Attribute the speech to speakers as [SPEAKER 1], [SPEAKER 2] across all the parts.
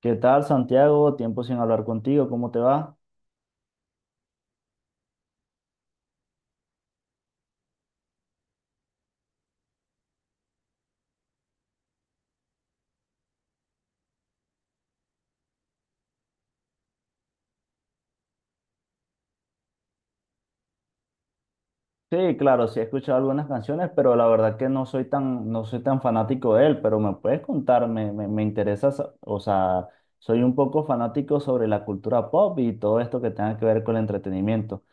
[SPEAKER 1] ¿Qué tal, Santiago? Tiempo sin hablar contigo, ¿cómo te va? Sí, claro, sí he escuchado algunas canciones, pero la verdad que no soy tan fanático de él, pero me puedes contar, me interesa, o sea, soy un poco fanático sobre la cultura pop y todo esto que tenga que ver con el entretenimiento.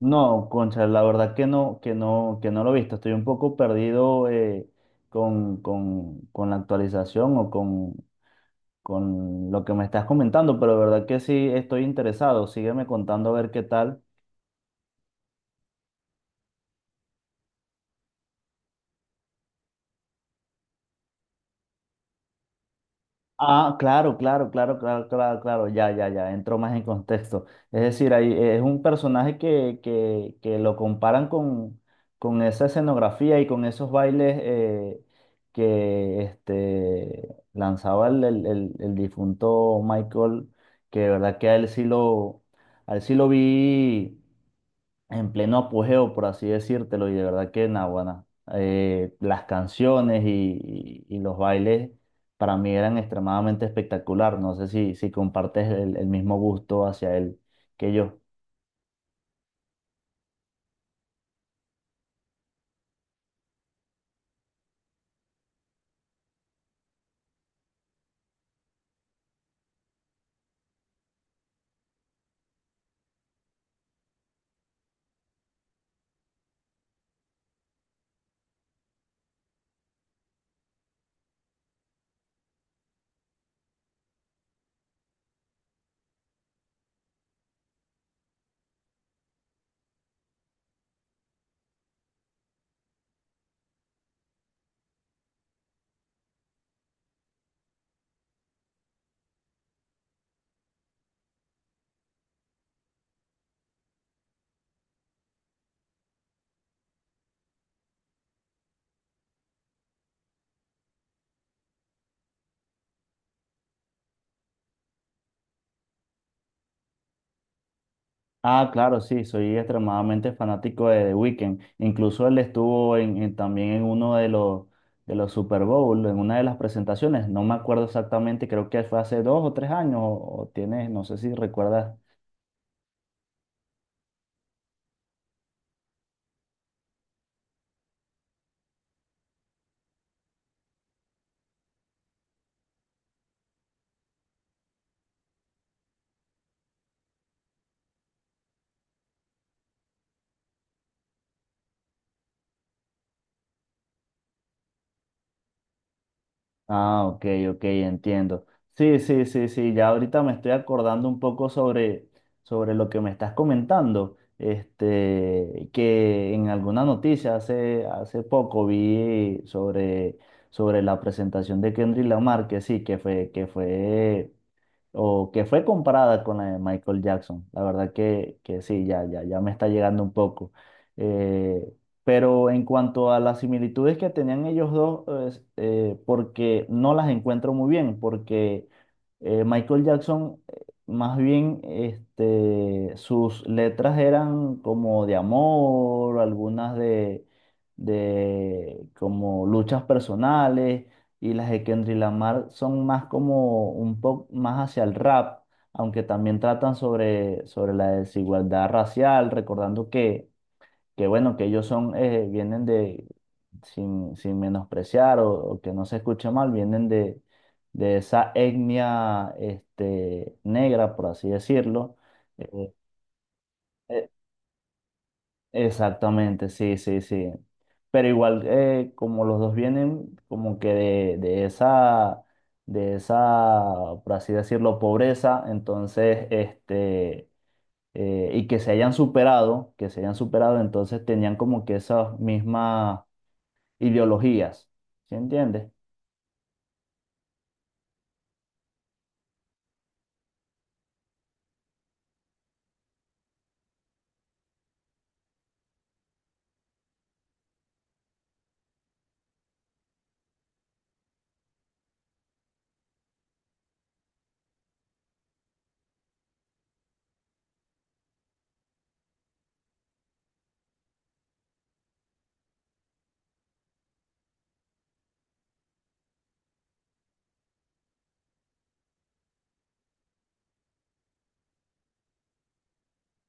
[SPEAKER 1] No, concha, la verdad que no lo he visto, estoy un poco perdido, con la actualización o con lo que me estás comentando, pero la verdad que sí estoy interesado, sígueme contando a ver qué tal. Ah, claro, claro, claro, claro, claro, claro, ya, ya, ya, entró más en contexto. Es decir, ahí, es un personaje que lo comparan con esa escenografía y con esos bailes, que este, lanzaba el difunto Michael, que de verdad que a él sí lo vi en pleno apogeo, por así decírtelo, y de verdad que Naguará, las canciones y los bailes para mí eran extremadamente espectacular. No sé si, si compartes el mismo gusto hacia él que yo. Ah, claro, sí, soy extremadamente fanático de The Weeknd. Incluso él estuvo también en uno de los Super Bowl, en una de las presentaciones. No me acuerdo exactamente, creo que fue hace dos o tres años, o tienes, no sé si recuerdas. Ah, ok, ok, entiendo. Sí, sí, sí, sí, ya ahorita me estoy acordando un poco sobre, sobre lo que me estás comentando, este, que en alguna noticia hace, hace poco vi sobre, sobre la presentación de Kendrick Lamar, que sí, que fue o que fue comparada con la de Michael Jackson. La verdad que sí, ya, ya, ya me está llegando un poco. Eh, pero en cuanto a las similitudes que tenían ellos dos, es, porque no las encuentro muy bien, porque, Michael Jackson, más bien, este, sus letras eran como de amor, algunas de como luchas personales, y las de Kendrick Lamar son más como un poco más hacia el rap, aunque también tratan sobre, sobre la desigualdad racial, recordando que bueno, que ellos son, vienen de, sin, sin menospreciar o que no se escuche mal, vienen de esa etnia este, negra, por así decirlo. Eh, eh, Exactamente, sí, sí, sí. Pero igual, como los dos vienen como que de esa, por así decirlo, pobreza, entonces, este, y que se hayan superado, que se hayan superado, entonces tenían como que esas mismas ideologías, ¿sí entiendes?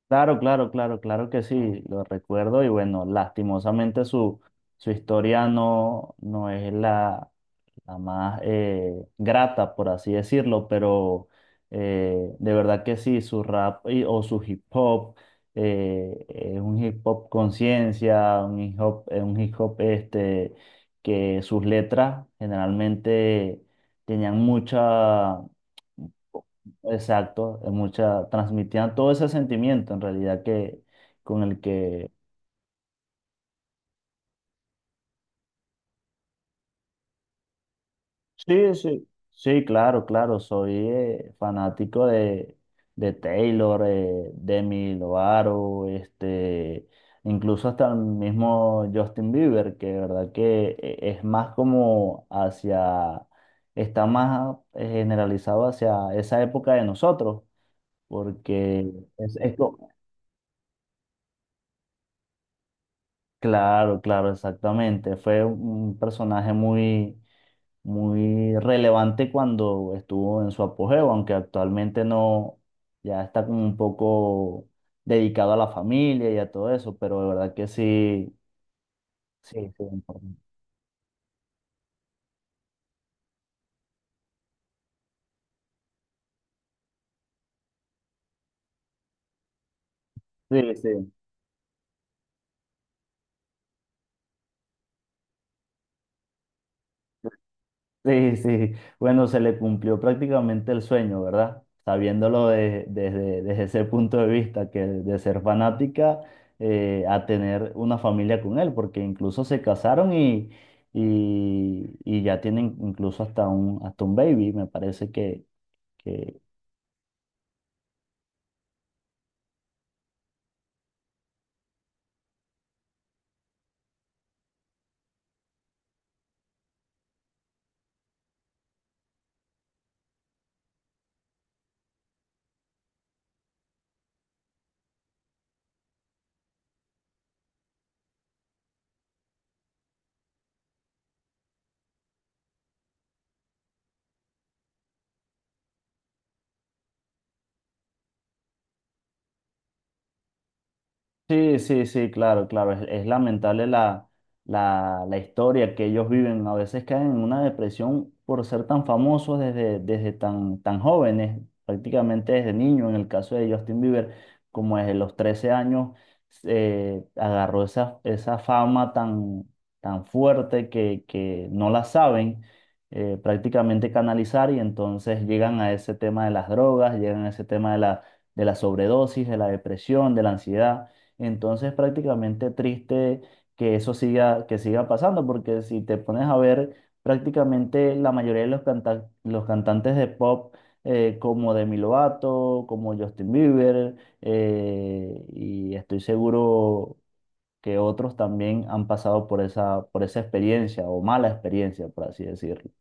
[SPEAKER 1] Claro, claro, claro, claro que sí, lo recuerdo y bueno, lastimosamente su, su historia no, no es la la más, grata, por así decirlo, pero, de verdad que sí, su rap o su hip hop, es un hip hop conciencia, un hip hop este, que sus letras generalmente tenían mucha, exacto, mucha, transmitían todo ese sentimiento en realidad que con el que. Sí, sí, sí, claro, claro. Soy, fanático de Taylor, Demi Lovato, este, incluso hasta el mismo Justin Bieber, que de verdad que, es más como hacia, está más, generalizado hacia esa época de nosotros, porque es, claro, claro, exactamente. Fue un personaje muy muy relevante cuando estuvo en su apogeo, aunque actualmente no, ya está como un poco dedicado a la familia y a todo eso, pero de verdad que sí, sí, sí, importante. Sí, sí. Sí, sí, bueno, se le cumplió prácticamente el sueño, ¿verdad? Sabiéndolo desde, desde ese punto de vista, que de ser fanática, a tener una familia con él, porque incluso se casaron y ya tienen incluso hasta un baby, me parece que, que. Sí, sí, sí, claro, claro. Es lamentable la, la, la historia que ellos viven. A veces caen en una depresión por ser tan famosos desde, desde tan, tan jóvenes, prácticamente desde niños. En el caso de Justin Bieber, como desde los 13 años, agarró esa, esa fama tan, tan fuerte que no la saben, prácticamente canalizar y entonces llegan a ese tema de las drogas, llegan a ese tema de la sobredosis, de la depresión, de la ansiedad. Entonces, prácticamente triste que eso siga, que siga pasando, porque si te pones a ver, prácticamente la mayoría de los, los cantantes de pop, como Demi Lovato, como Justin Bieber, y estoy seguro que otros también han pasado por esa experiencia o mala experiencia, por así decirlo.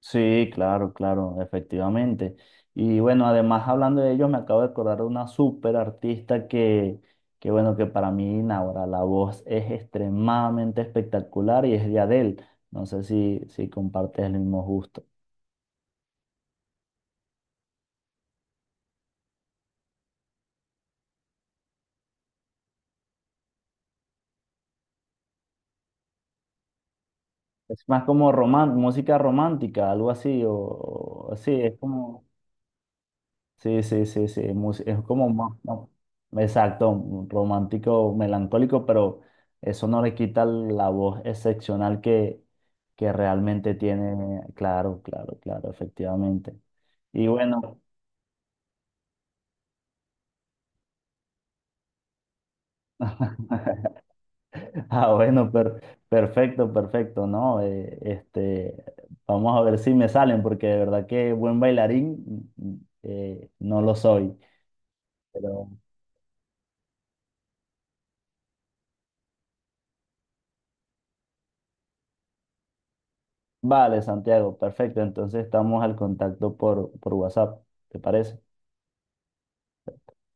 [SPEAKER 1] Sí, claro, claro, efectivamente. Y bueno, además hablando de ellos, me acabo de acordar de una súper artista que bueno, que para mí, ahora la voz es extremadamente espectacular y es de Adele. No sé si, si compartes el mismo gusto. Es más como música romántica, algo así, o así, es como... Sí, sí, sí, sí. Es como más, no, exacto, un romántico, melancólico, pero eso no le quita la voz excepcional que realmente tiene. Claro, claro, claro, efectivamente. Y bueno, ah, bueno, perfecto, perfecto, ¿no? Este, vamos a ver si me salen, porque de verdad que buen bailarín, mm, no lo soy. Vale, Santiago, perfecto. Entonces estamos al contacto por WhatsApp, ¿te parece?